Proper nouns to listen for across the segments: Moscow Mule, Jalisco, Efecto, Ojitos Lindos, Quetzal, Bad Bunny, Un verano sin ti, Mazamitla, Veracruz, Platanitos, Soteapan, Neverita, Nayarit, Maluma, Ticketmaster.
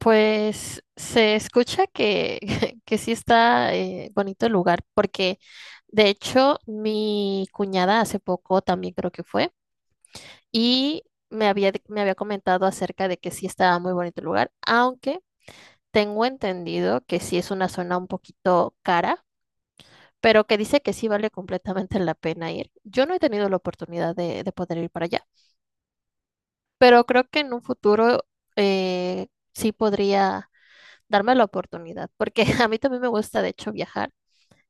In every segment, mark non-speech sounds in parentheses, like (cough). Pues se escucha que, (laughs) que sí está bonito el lugar, porque de hecho mi cuñada hace poco también creo que fue y me había comentado acerca de que sí estaba muy bonito el lugar, aunque tengo entendido que sí es una zona un poquito cara, pero que dice que sí vale completamente la pena ir. Yo no he tenido la oportunidad de poder ir para allá, pero creo que en un futuro eh, sí podría darme la oportunidad, porque (laughs) a mí también me gusta, de hecho, viajar.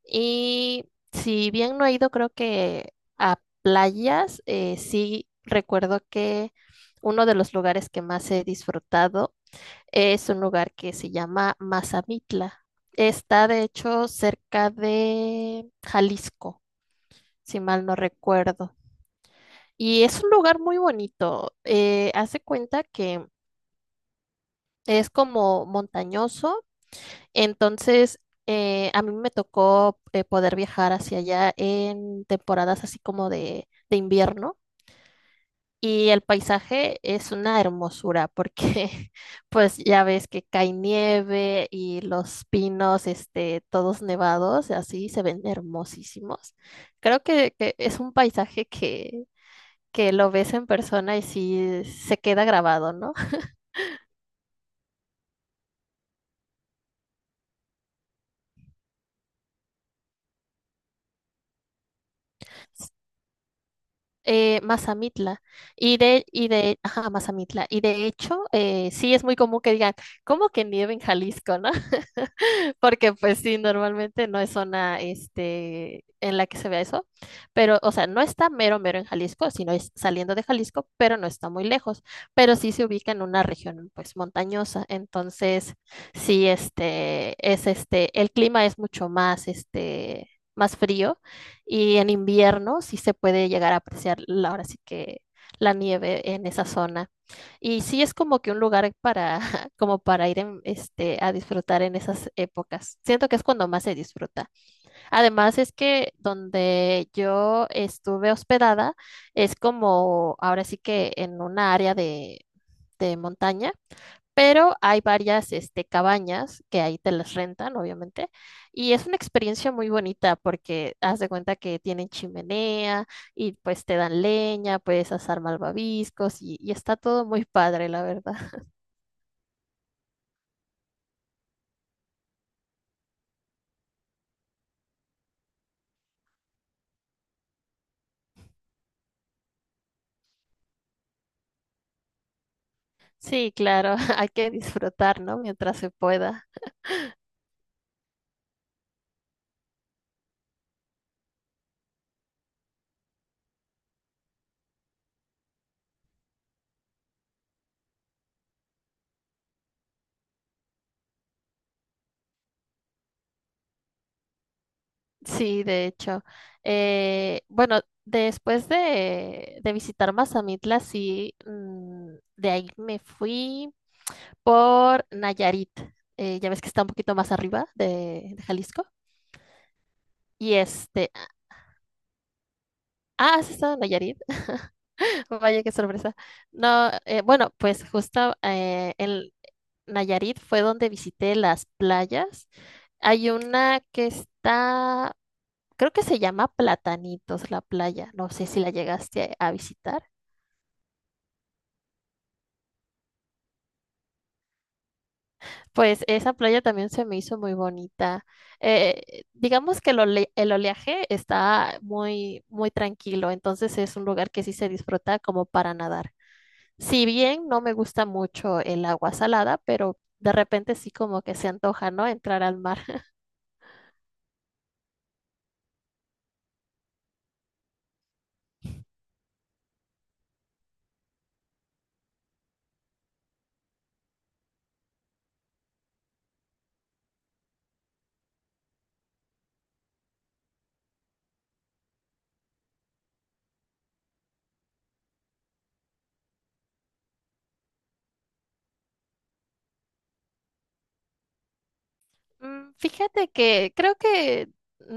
Y si bien no he ido, creo que a playas, sí recuerdo que uno de los lugares que más he disfrutado es un lugar que se llama Mazamitla. Está, de hecho, cerca de Jalisco, si mal no recuerdo. Y es un lugar muy bonito. Hace cuenta que es como montañoso. Entonces, a mí me tocó poder viajar hacia allá en temporadas así como de invierno y el paisaje es una hermosura porque (laughs) pues ya ves que cae nieve y los pinos, este, todos nevados, así se ven hermosísimos. Creo que es un paisaje que lo ves en persona y sí se queda grabado, ¿no? (laughs) Mazamitla. Ajá, Mazamitla. Y de hecho, sí es muy común que digan, ¿cómo que nieve en Jalisco, no? (laughs) Porque pues sí, normalmente no es zona este, en la que se vea eso, pero o sea, no está mero mero en Jalisco, sino es saliendo de Jalisco, pero no está muy lejos, pero sí se ubica en una región pues montañosa, entonces sí, el clima es mucho más, este, más frío y en invierno sí se puede llegar a ahora sí que la nieve en esa zona. Y sí es como que un lugar para este, a disfrutar en esas épocas. Siento que es cuando más se disfruta. Además es que donde yo estuve hospedada es como ahora sí que en una área de montaña, pero hay varias este, cabañas que ahí te las rentan, obviamente, y es una experiencia muy bonita porque haz de cuenta que tienen chimenea y pues te dan leña, puedes asar malvaviscos y está todo muy padre, la verdad. Sí, claro, (laughs) hay que disfrutar, ¿no? Mientras se pueda. Sí, de hecho. Bueno, después de visitar Mazamitla, sí, de ahí me fui por Nayarit. Ya ves que está un poquito más arriba de Jalisco. Y este, ah, ¿has estado en Nayarit? (laughs) Vaya, qué sorpresa. No, bueno, pues justo en Nayarit fue donde visité las playas. Hay una que está creo que se llama Platanitos la playa, no sé si la llegaste a visitar. Pues esa playa también se me hizo muy bonita. Digamos que el oleaje está muy, muy tranquilo, entonces es un lugar que sí se disfruta como para nadar. Si bien no me gusta mucho el agua salada, pero de repente sí como que se antoja, ¿no? Entrar al mar. Fíjate que creo que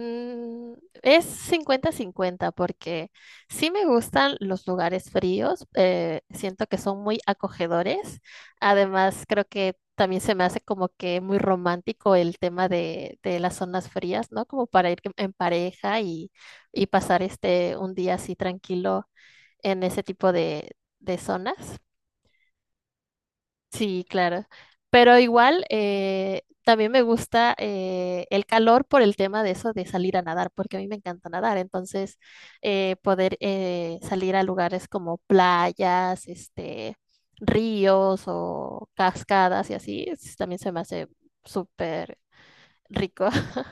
mm, es 50-50 porque sí me gustan los lugares fríos, siento que son muy acogedores, además creo que también se me hace como que muy romántico el tema de las zonas frías, ¿no? Como para ir en pareja y pasar este un día así tranquilo en ese tipo de zonas. Sí, claro. Pero igual también me gusta el calor por el tema de eso de salir a nadar, porque a mí me encanta nadar. Entonces, poder salir a lugares como playas, este, ríos o cascadas y así, es- también se me hace súper rico. (laughs)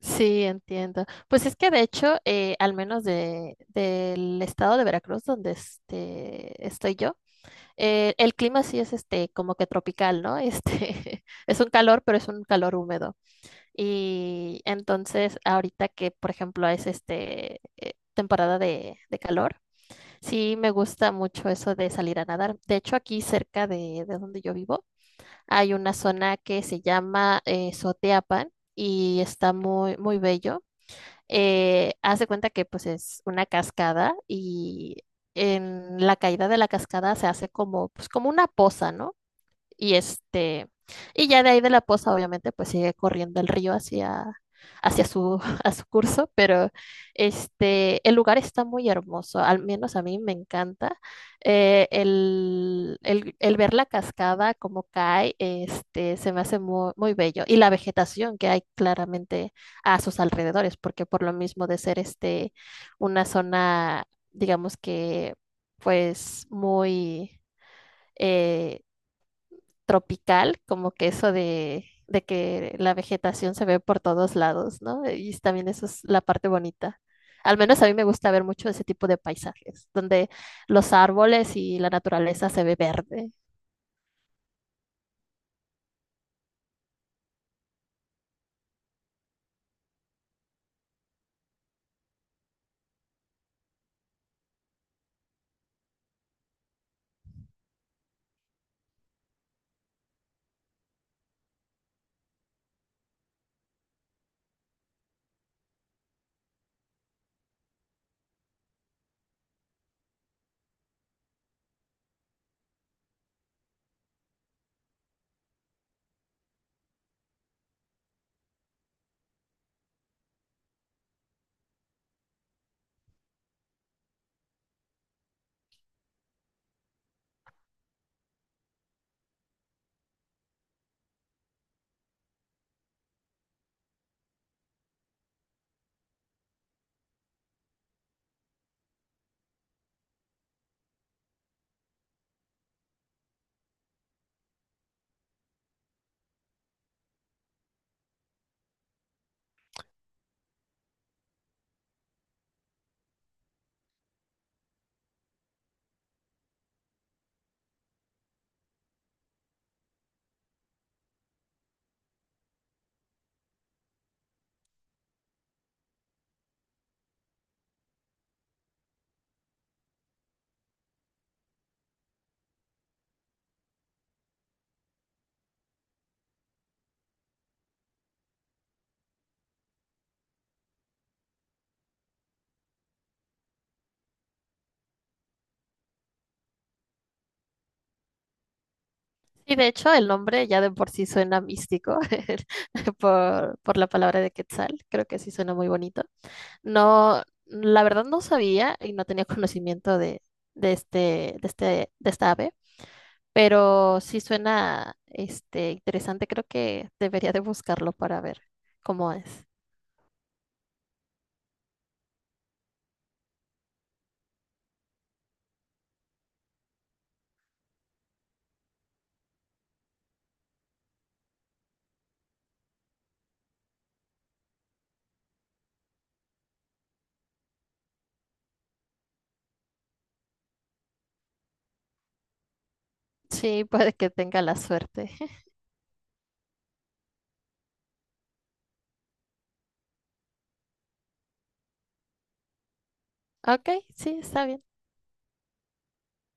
Sí, entiendo. Pues es que de hecho, al menos de, del estado de Veracruz, donde este, estoy yo. El clima sí es este como que tropical, ¿no? Este (laughs) es un calor, pero es un calor húmedo. Y entonces ahorita que, por ejemplo, es este temporada de calor, sí me gusta mucho eso de salir a nadar. De hecho, aquí cerca de donde yo vivo hay una zona que se llama Soteapan y está muy, muy bello. Haz de cuenta que pues es una cascada y en la caída de la cascada se hace como, pues, como una poza, ¿no? Y este, y ya de ahí de la poza, obviamente, pues sigue corriendo el río hacia, hacia su (laughs) a su curso, pero este, el lugar está muy hermoso, al menos a mí me encanta. El ver la cascada como cae, este, se me hace muy, muy bello. Y la vegetación que hay claramente a sus alrededores, porque por lo mismo de ser este, una zona, digamos que, pues muy... eh, tropical, como que eso de que la vegetación se ve por todos lados, ¿no? Y también eso es la parte bonita. Al menos a mí me gusta ver mucho ese tipo de paisajes, donde los árboles y la naturaleza se ve verde. Y de hecho, el nombre ya de por sí suena místico (laughs) por la palabra de Quetzal. Creo que sí suena muy bonito. No, la verdad no sabía y no tenía conocimiento de, de este, de este, de esta ave. Pero sí suena este interesante, creo que debería de buscarlo para ver cómo es. Sí, puede que tenga la suerte. (laughs) Ok, sí, está bien.